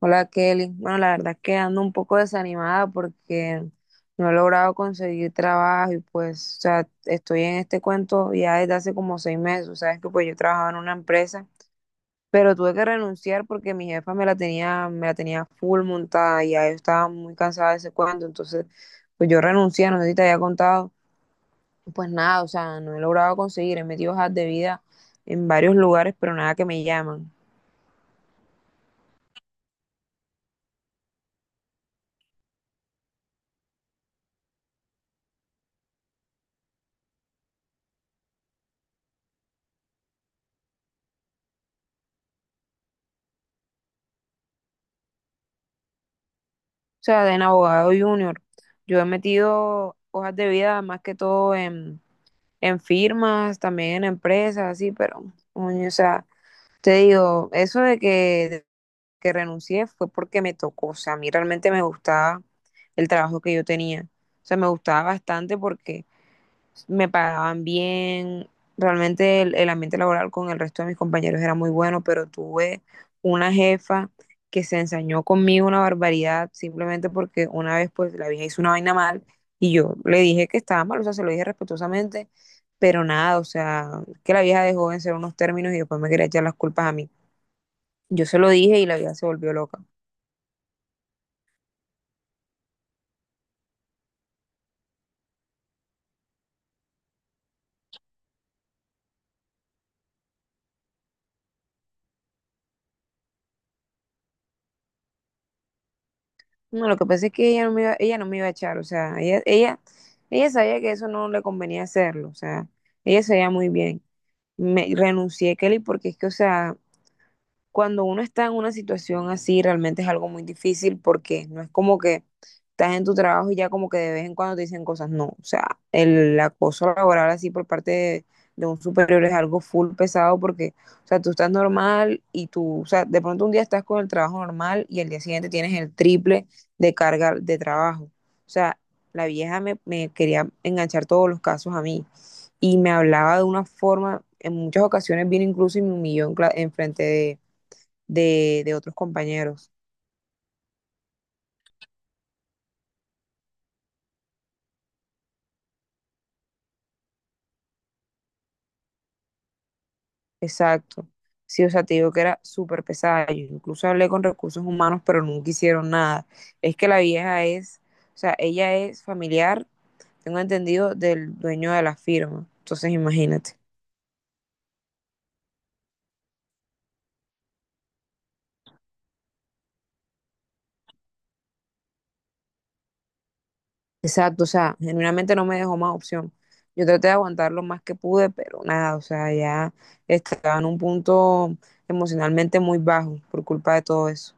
Hola Kelly. Bueno, la verdad es que ando un poco desanimada porque no he logrado conseguir trabajo y pues, o sea, estoy en este cuento ya desde hace como 6 meses. Sabes que pues yo trabajaba en una empresa, pero tuve que renunciar porque mi jefa me la tenía full montada y ya yo estaba muy cansada de ese cuento. Entonces, pues yo renuncié, no sé si te había contado. Pues nada, o sea, no he logrado conseguir, he metido hojas de vida en varios lugares, pero nada que me llaman. O sea, en abogado junior. Yo he metido hojas de vida más que todo en firmas, también en empresas, así, pero, oye, o sea, te digo, eso de que renuncié fue porque me tocó. O sea, a mí realmente me gustaba el trabajo que yo tenía. O sea, me gustaba bastante porque me pagaban bien, realmente el ambiente laboral con el resto de mis compañeros era muy bueno, pero tuve una jefa que se ensañó conmigo una barbaridad simplemente porque una vez pues la vieja hizo una vaina mal y yo le dije que estaba mal, o sea, se lo dije respetuosamente, pero nada, o sea, que la vieja dejó en ser unos términos y después me quería echar las culpas a mí. Yo se lo dije y la vieja se volvió loca. No, lo que pasa es que ella no me iba a echar, o sea, ella sabía que eso no le convenía hacerlo, o sea, ella sabía muy bien. Me renuncié, Kelly, porque es que, o sea, cuando uno está en una situación así, realmente es algo muy difícil porque no es como que estás en tu trabajo y ya como que de vez en cuando te dicen cosas. No, o sea, el acoso laboral así por parte de un superior es algo full pesado porque, o sea, tú estás normal y tú, o sea, de pronto un día estás con el trabajo normal y el día siguiente tienes el triple de carga de trabajo. O sea, la vieja me quería enganchar todos los casos a mí y me hablaba de una forma, en muchas ocasiones vino incluso y me humilló en, en frente de otros compañeros. Exacto. Sí, o sea, te digo que era súper pesada. Yo incluso hablé con recursos humanos, pero nunca hicieron nada. Es que la vieja es, o sea, ella es familiar, tengo entendido, del dueño de la firma. Entonces, imagínate. Exacto, o sea, genuinamente no me dejó más opción. Yo traté de aguantar lo más que pude, pero nada, o sea, ya estaba en un punto emocionalmente muy bajo por culpa de todo eso.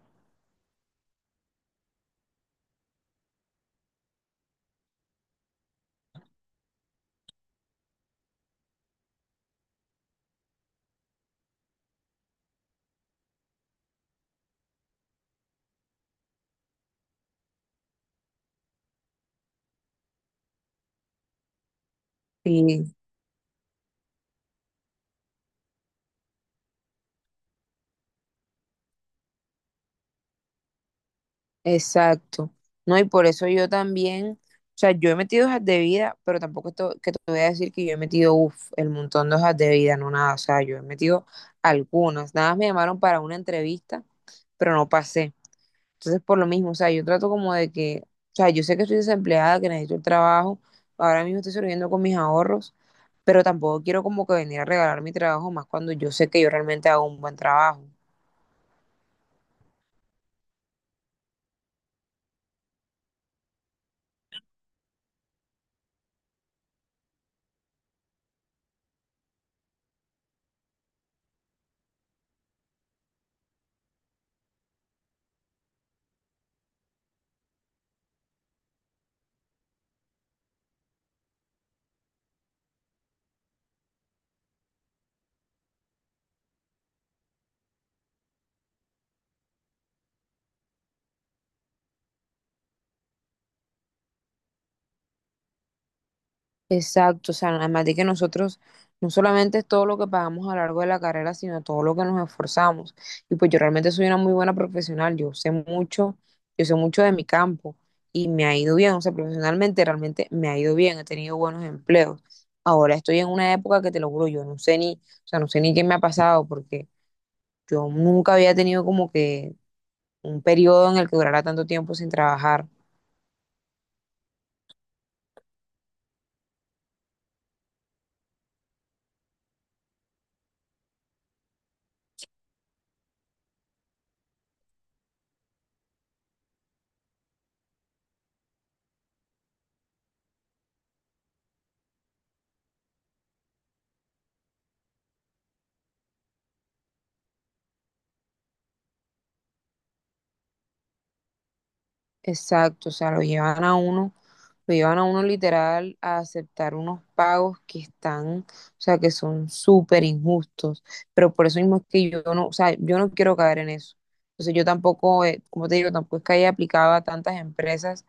Exacto. No, y por eso yo también, o sea, yo he metido hojas de vida, pero tampoco esto, que te voy a decir que yo he metido, uff, el montón de hojas de vida, no nada, o sea, yo he metido algunas, nada más me llamaron para una entrevista, pero no pasé. Entonces, por lo mismo, o sea, yo trato como de que, o sea, yo sé que estoy desempleada, que necesito el trabajo, ahora mismo estoy sobreviviendo con mis ahorros, pero tampoco quiero como que venir a regalar mi trabajo, más cuando yo sé que yo realmente hago un buen trabajo. Exacto, o sea, además de que nosotros no solamente es todo lo que pagamos a lo largo de la carrera, sino todo lo que nos esforzamos. Y pues yo realmente soy una muy buena profesional, yo sé mucho de mi campo y me ha ido bien, o sea, profesionalmente realmente me ha ido bien, he tenido buenos empleos. Ahora estoy en una época que te lo juro, yo no sé ni, o sea, no sé ni qué me ha pasado porque yo nunca había tenido como que un periodo en el que durara tanto tiempo sin trabajar. Exacto, o sea, lo llevan a uno literal a aceptar unos pagos que están, o sea, que son súper injustos, pero por eso mismo es que yo no, o sea, yo no quiero caer en eso. Entonces yo tampoco, como te digo, tampoco es que haya aplicado a tantas empresas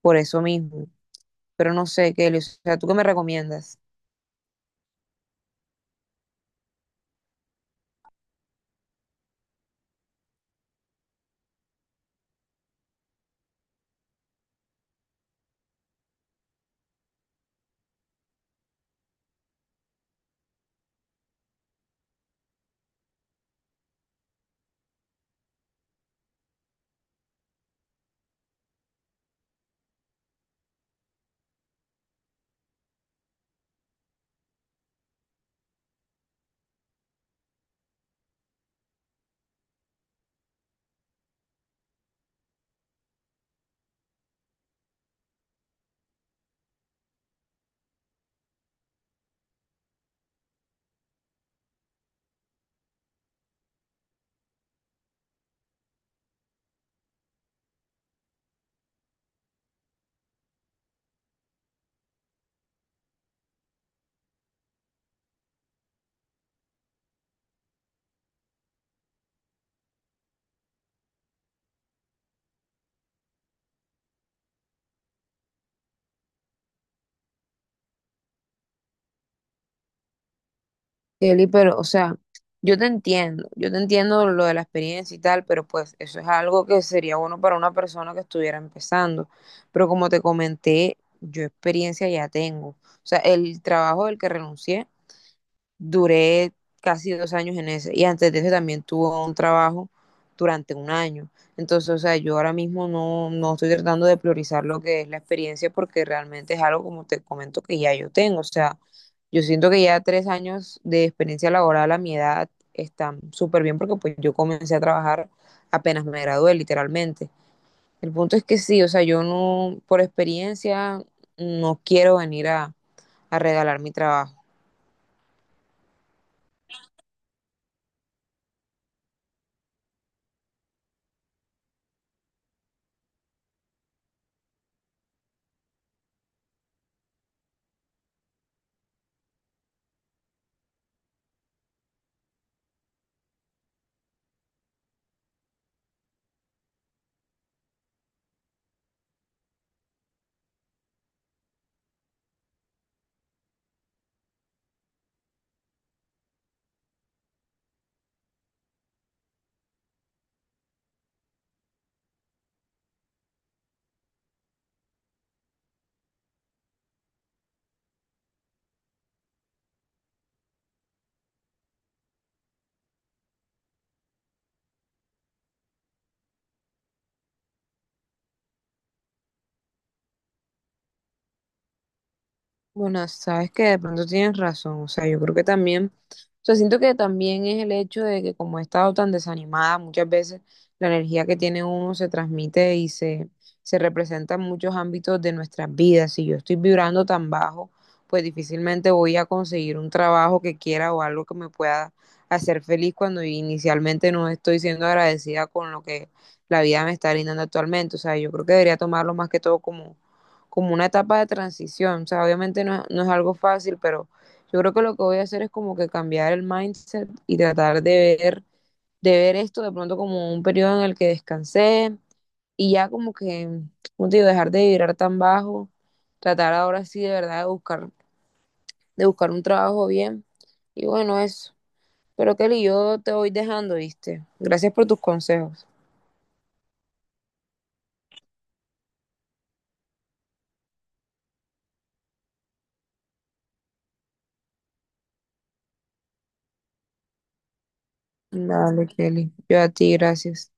por eso mismo, pero no sé, Kelly, o sea, ¿tú qué me recomiendas? Kelly, pero, o sea, yo te entiendo lo de la experiencia y tal, pero pues eso es algo que sería bueno para una persona que estuviera empezando. Pero como te comenté, yo experiencia ya tengo. O sea, el trabajo del que renuncié duré casi 2 años en ese. Y antes de eso también tuve un trabajo durante 1 año. Entonces, o sea, yo ahora mismo no estoy tratando de priorizar lo que es la experiencia porque realmente es algo, como te comento, que ya yo tengo. O sea, yo siento que ya 3 años de experiencia laboral a mi edad están súper bien porque pues yo comencé a trabajar apenas me gradué, literalmente. El punto es que sí, o sea, yo no, por experiencia, no quiero venir a regalar mi trabajo. Bueno, sabes que de pronto tienes razón, o sea, yo creo que también, o sea, siento que también es el hecho de que como he estado tan desanimada, muchas veces la energía que tiene uno se transmite y se representa en muchos ámbitos de nuestras vidas. Si yo estoy vibrando tan bajo, pues difícilmente voy a conseguir un trabajo que quiera o algo que me pueda hacer feliz cuando inicialmente no estoy siendo agradecida con lo que la vida me está brindando actualmente. O sea, yo creo que debería tomarlo más que todo como una etapa de transición. O sea, obviamente no es algo fácil, pero yo creo que lo que voy a hacer es como que cambiar el mindset y tratar de ver esto de pronto como un periodo en el que descansé y ya como que, como te digo, dejar de vibrar tan bajo, tratar ahora sí de verdad de buscar un trabajo bien. Y bueno, eso. Pero Kelly, yo te voy dejando, ¿viste? Gracias por tus consejos. Dale, Kelly. Yo a ti, gracias.